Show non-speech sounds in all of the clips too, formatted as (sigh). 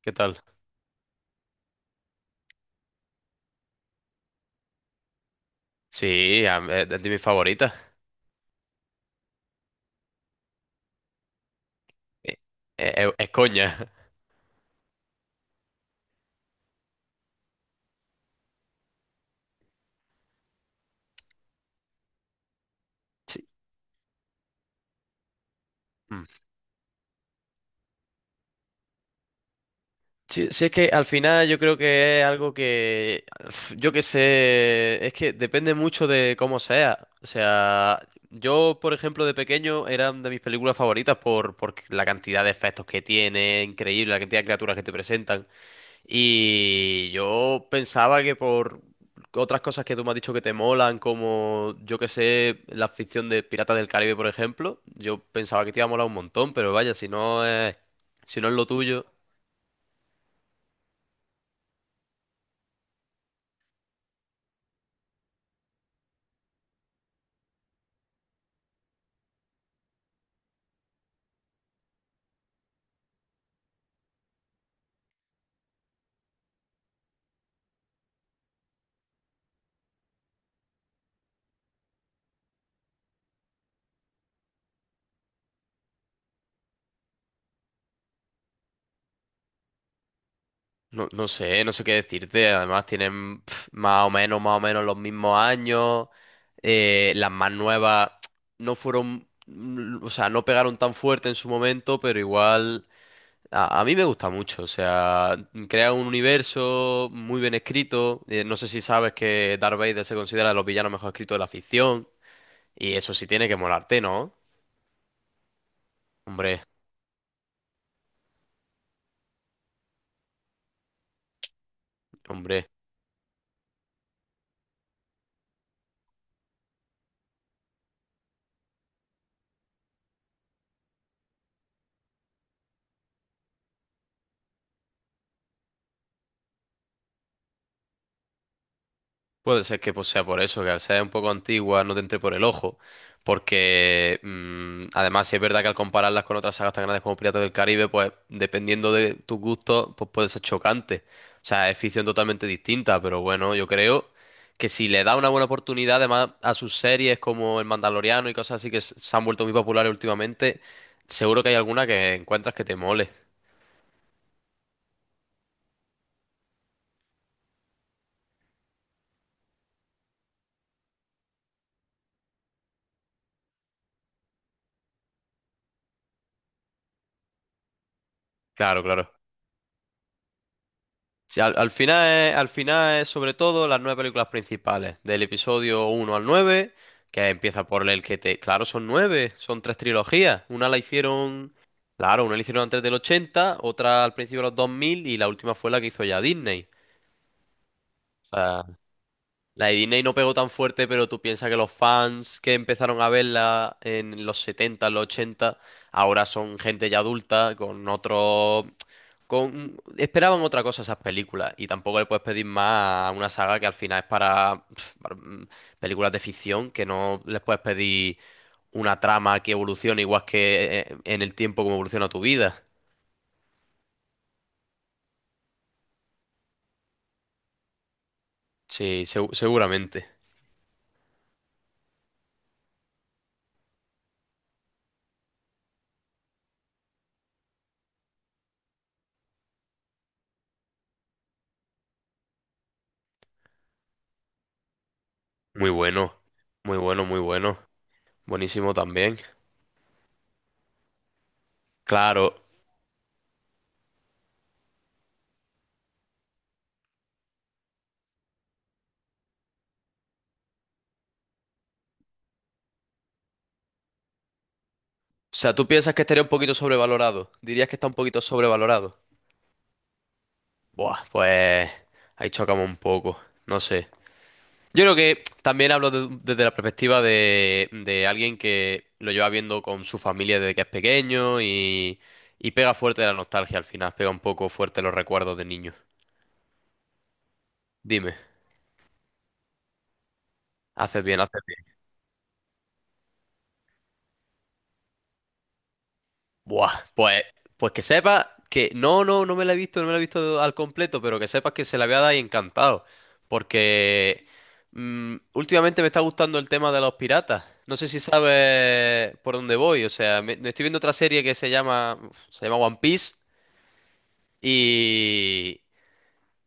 ¿Qué tal? Sí, es de mis favoritas. Eh, Es, coña. (laughs) Sí, mm. Sí, sí, es que al final yo creo que es algo que, uf, yo qué sé, es que depende mucho de cómo sea. O sea, yo, por ejemplo, de pequeño era de mis películas favoritas por la cantidad de efectos que tiene, increíble, la cantidad de criaturas que te presentan. Y yo pensaba que por otras cosas que tú me has dicho que te molan, como yo que sé, la ficción de Piratas del Caribe, por ejemplo, yo pensaba que te iba a molar un montón, pero vaya, si no es lo tuyo. No, no sé qué decirte. Además tienen más o menos los mismos años. Las más nuevas no fueron, o sea, no pegaron tan fuerte en su momento, pero igual. A mí me gusta mucho, o sea, crea un universo muy bien escrito. No sé si sabes que Darth Vader se considera de los villanos mejor escritos de la ficción. Y eso sí tiene que molarte, ¿no? Hombre, hombre. Puede ser que pues, sea por eso, que al ser un poco antigua no te entre por el ojo, porque además sí es verdad que al compararlas con otras sagas tan grandes como Piratas del Caribe, pues dependiendo de tus gustos, pues puede ser chocante. O sea, es ficción totalmente distinta, pero bueno, yo creo que si le da una buena oportunidad además a sus series como El Mandaloriano y cosas así que se han vuelto muy populares últimamente, seguro que hay alguna que encuentras que te mole. Claro, claro. Sí, al final es sobre todo las nueve películas principales, del episodio uno al 9, que empieza por el que te. Claro, son nueve, son tres trilogías. Una la hicieron. Claro, una la hicieron antes del 80, otra al principio de los 2000 y la última fue la que hizo ya Disney. O sea, la de Disney no pegó tan fuerte, pero tú piensas que los fans que empezaron a verla en los 70, en los 80, ahora son gente ya adulta, con otros con. Esperaban otra cosa esas películas y tampoco le puedes pedir más a una saga que al final es para películas de ficción, que no les puedes pedir una trama que evolucione igual que en el tiempo como evoluciona tu vida. Sí, seguramente. Muy bueno, muy bueno, muy bueno. Buenísimo también. Claro. O sea, ¿tú piensas que estaría un poquito sobrevalorado? ¿Dirías que está un poquito sobrevalorado? Buah, pues ahí chocamos un poco. No sé. Yo creo que también hablo desde la perspectiva de alguien que lo lleva viendo con su familia desde que es pequeño y pega fuerte la nostalgia al final, pega un poco fuerte los recuerdos de niño. Dime, haces bien, haces bien. Buah, pues que sepas que no, no, no me la he visto, no me la he visto al completo, pero que sepas que se la voy a dar y encantado, porque últimamente me está gustando el tema de los piratas. No sé si sabes por dónde voy, o sea, me estoy viendo otra serie que se llama One Piece. Y,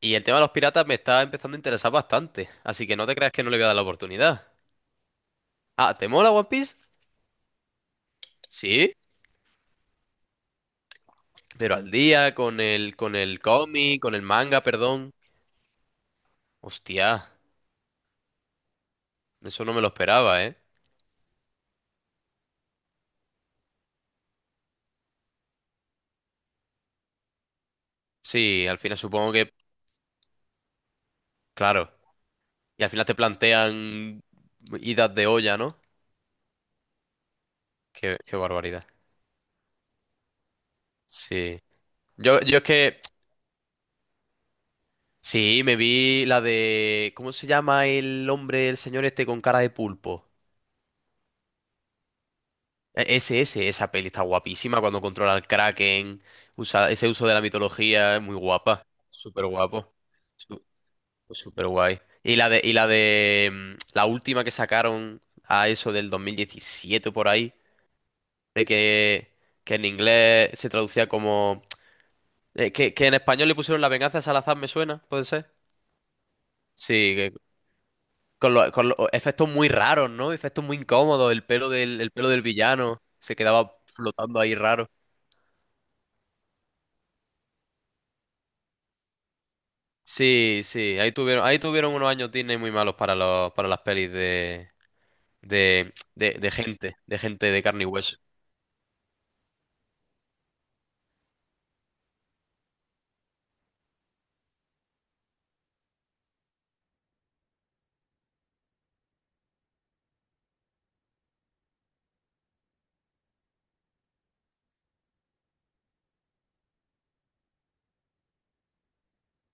y el tema de los piratas me está empezando a interesar bastante, así que no te creas que no le voy a dar la oportunidad. Ah, ¿te mola One Piece? Sí, pero al día, con el cómic, con el manga, perdón. Hostia, eso no me lo esperaba, ¿eh? Sí, al final supongo que, claro, y al final te plantean idas de olla, ¿no? Qué barbaridad. Sí. Yo es que, sí, me vi la de, ¿cómo se llama el hombre, el señor este con cara de pulpo? Esa peli está guapísima cuando controla al Kraken, usa ese uso de la mitología, es muy guapa, súper guapo, súper guay. Y la última que sacaron a eso del 2017 por ahí, de que en inglés se traducía como que en español le pusieron La venganza de Salazar, ¿me suena? ¿Puede ser? Sí, con los efectos muy raros, ¿no? Efectos muy incómodos, el pelo del villano se quedaba flotando ahí raro. Sí, sí, ahí tuvieron unos años Disney muy malos para los, para las pelis de gente de carne y hueso.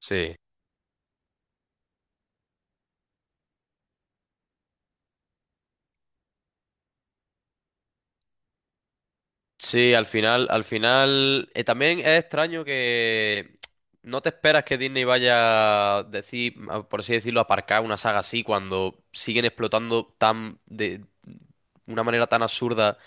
Sí. Sí, al final, también es extraño que no te esperas que Disney vaya a decir, por así decirlo, a aparcar una saga así cuando siguen explotando tan de una manera tan absurda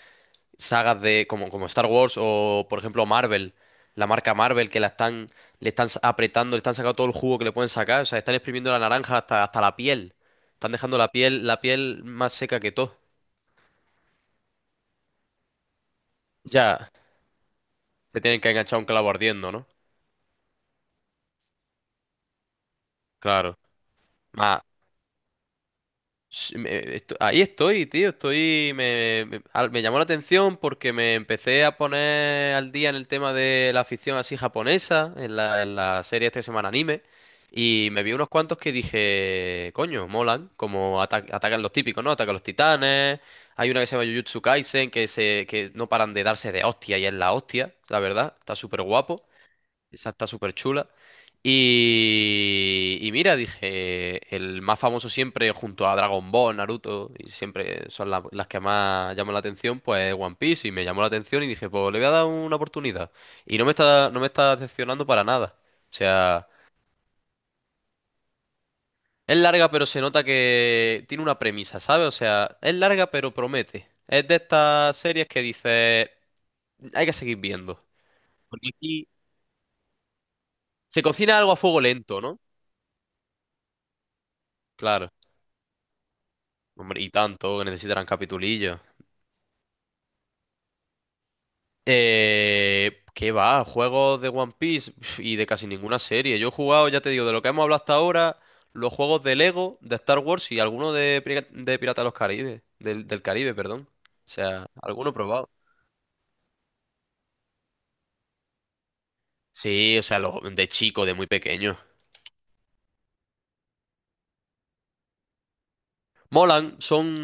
sagas de como Star Wars o por ejemplo Marvel, la marca Marvel que la están le están apretando, le están sacando todo el jugo que le pueden sacar, o sea, están exprimiendo la naranja hasta la piel. Están dejando la piel más seca que todo. Ya, se tienen que enganchar un clavo ardiendo, ¿no? Claro. Más. Sí, ahí estoy, tío, estoy, me llamó la atención porque me empecé a poner al día en el tema de la afición así japonesa, en la serie esta que se llama Anime, y me vi unos cuantos que dije, coño, molan, como atacan los típicos, ¿no? Atacan los titanes, hay una que se llama Jujutsu Kaisen, que no paran de darse de hostia y es la hostia, la verdad, está súper guapo. Esa está súper chula. Y mira, dije, el más famoso siempre junto a Dragon Ball, Naruto, y siempre son las que más llaman la atención, pues One Piece, y me llamó la atención y dije, pues le voy a dar una oportunidad. Y no me está decepcionando para nada. O sea, es larga, pero se nota que tiene una premisa, ¿sabes? O sea, es larga, pero promete. Es de estas series que dice, hay que seguir viendo. Porque aquí se cocina algo a fuego lento, ¿no? Claro. Hombre, y tanto que necesitarán capitulillos. ¿Qué va? Juegos de One Piece, y de casi ninguna serie. Yo he jugado, ya te digo, de lo que hemos hablado hasta ahora, los juegos de Lego, de Star Wars y alguno de Piratas de los Caribes, del Caribe, perdón. O sea, alguno he probado. Sí, o sea, los de chico, de muy pequeño. Molan, son.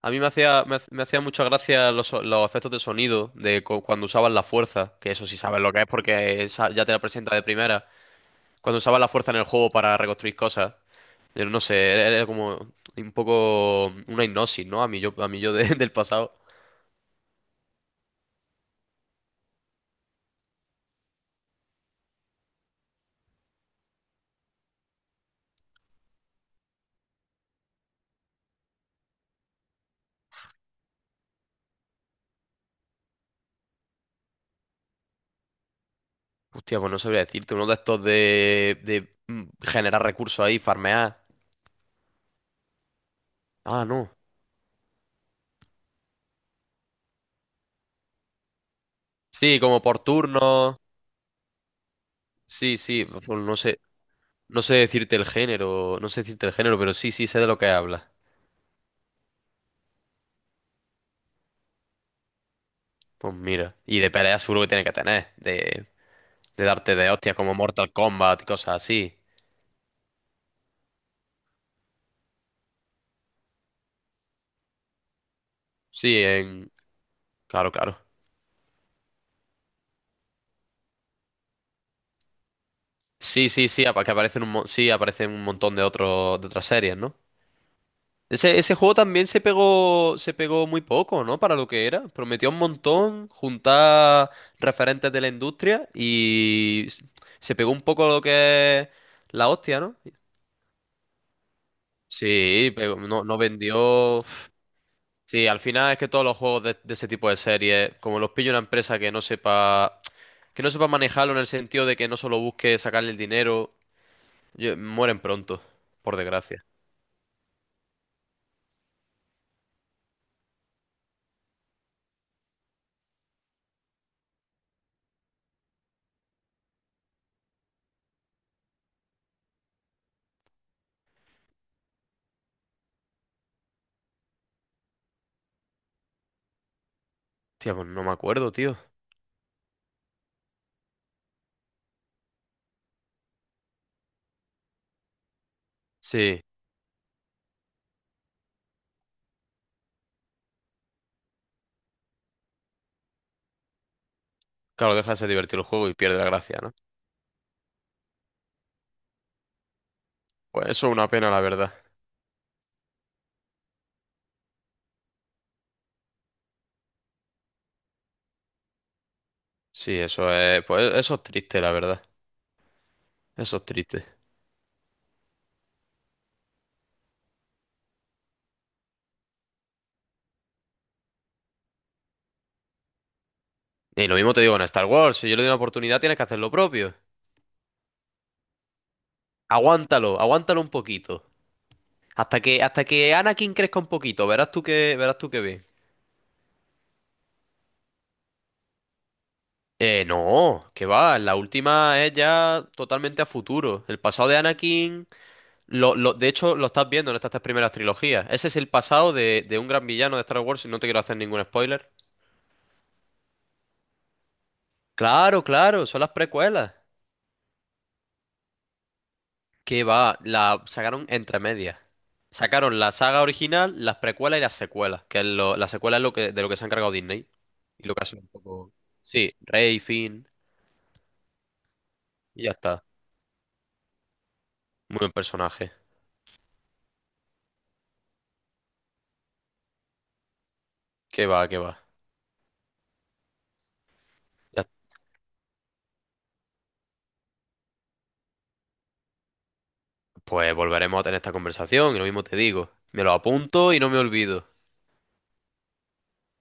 A mí me hacía, me, hac- me hacía mucha gracia los, so- los efectos de sonido de cu- cuando usaban la fuerza, que eso sí sabes lo que es porque esa- ya te la presenta de primera. Cuando usabas la fuerza en el juego para reconstruir cosas, pero no sé, era era como un poco una hipnosis, ¿no? A mí (laughs) del pasado. Hostia, pues no sabría decirte, uno de estos de generar recursos ahí, farmear. Ah, no. Sí, como por turno. Sí, sí, pues no sé, no sé decirte el género, no sé decirte el género, pero sí, sí sé de lo que hablas. Pues mira, y de pelea seguro que tiene que tener, de darte de hostias como Mortal Kombat y cosas así. Sí, en. Claro, claro. Sí, sí, sí, que sí, aparecen un montón de otros de otras series, ¿no? Ese juego también se pegó muy poco, ¿no? Para lo que era. Prometió un montón juntar referentes de la industria y se pegó un poco lo que es la hostia, ¿no? Sí, pero no, no vendió. Sí, al final es que todos los juegos de ese tipo de series, como los pilla una empresa que no sepa manejarlo en el sentido de que no solo busque sacarle el dinero, mueren pronto, por desgracia. Tía, pues no me acuerdo, tío. Sí, claro, deja de ser divertido el juego y pierde la gracia, ¿no? Pues eso es una pena, la verdad. Sí, pues eso es triste, la verdad. Eso es triste. Y lo mismo te digo en Star Wars, si yo le doy una oportunidad, tienes que hacer lo propio. Aguántalo, aguántalo un poquito. Hasta que Anakin crezca un poquito, verás tú que bien. No, que va, la última es ya totalmente a futuro. El pasado de Anakin, de hecho, lo estás viendo en estas tres primeras trilogías. Ese es el pasado de un gran villano de Star Wars, y no te quiero hacer ningún spoiler. Claro, claro, son las precuelas. Que va, la sacaron entre medias. Sacaron la saga original, las precuelas y las secuelas. La secuela es de lo que se ha encargado Disney. Y lo que ha sido un poco. Sí, Rey, Finn, y ya está. Muy buen personaje. Que va, que va. Ya- Pues volveremos a tener esta conversación y lo mismo te digo. Me lo apunto y no me olvido.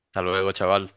Hasta luego, chaval.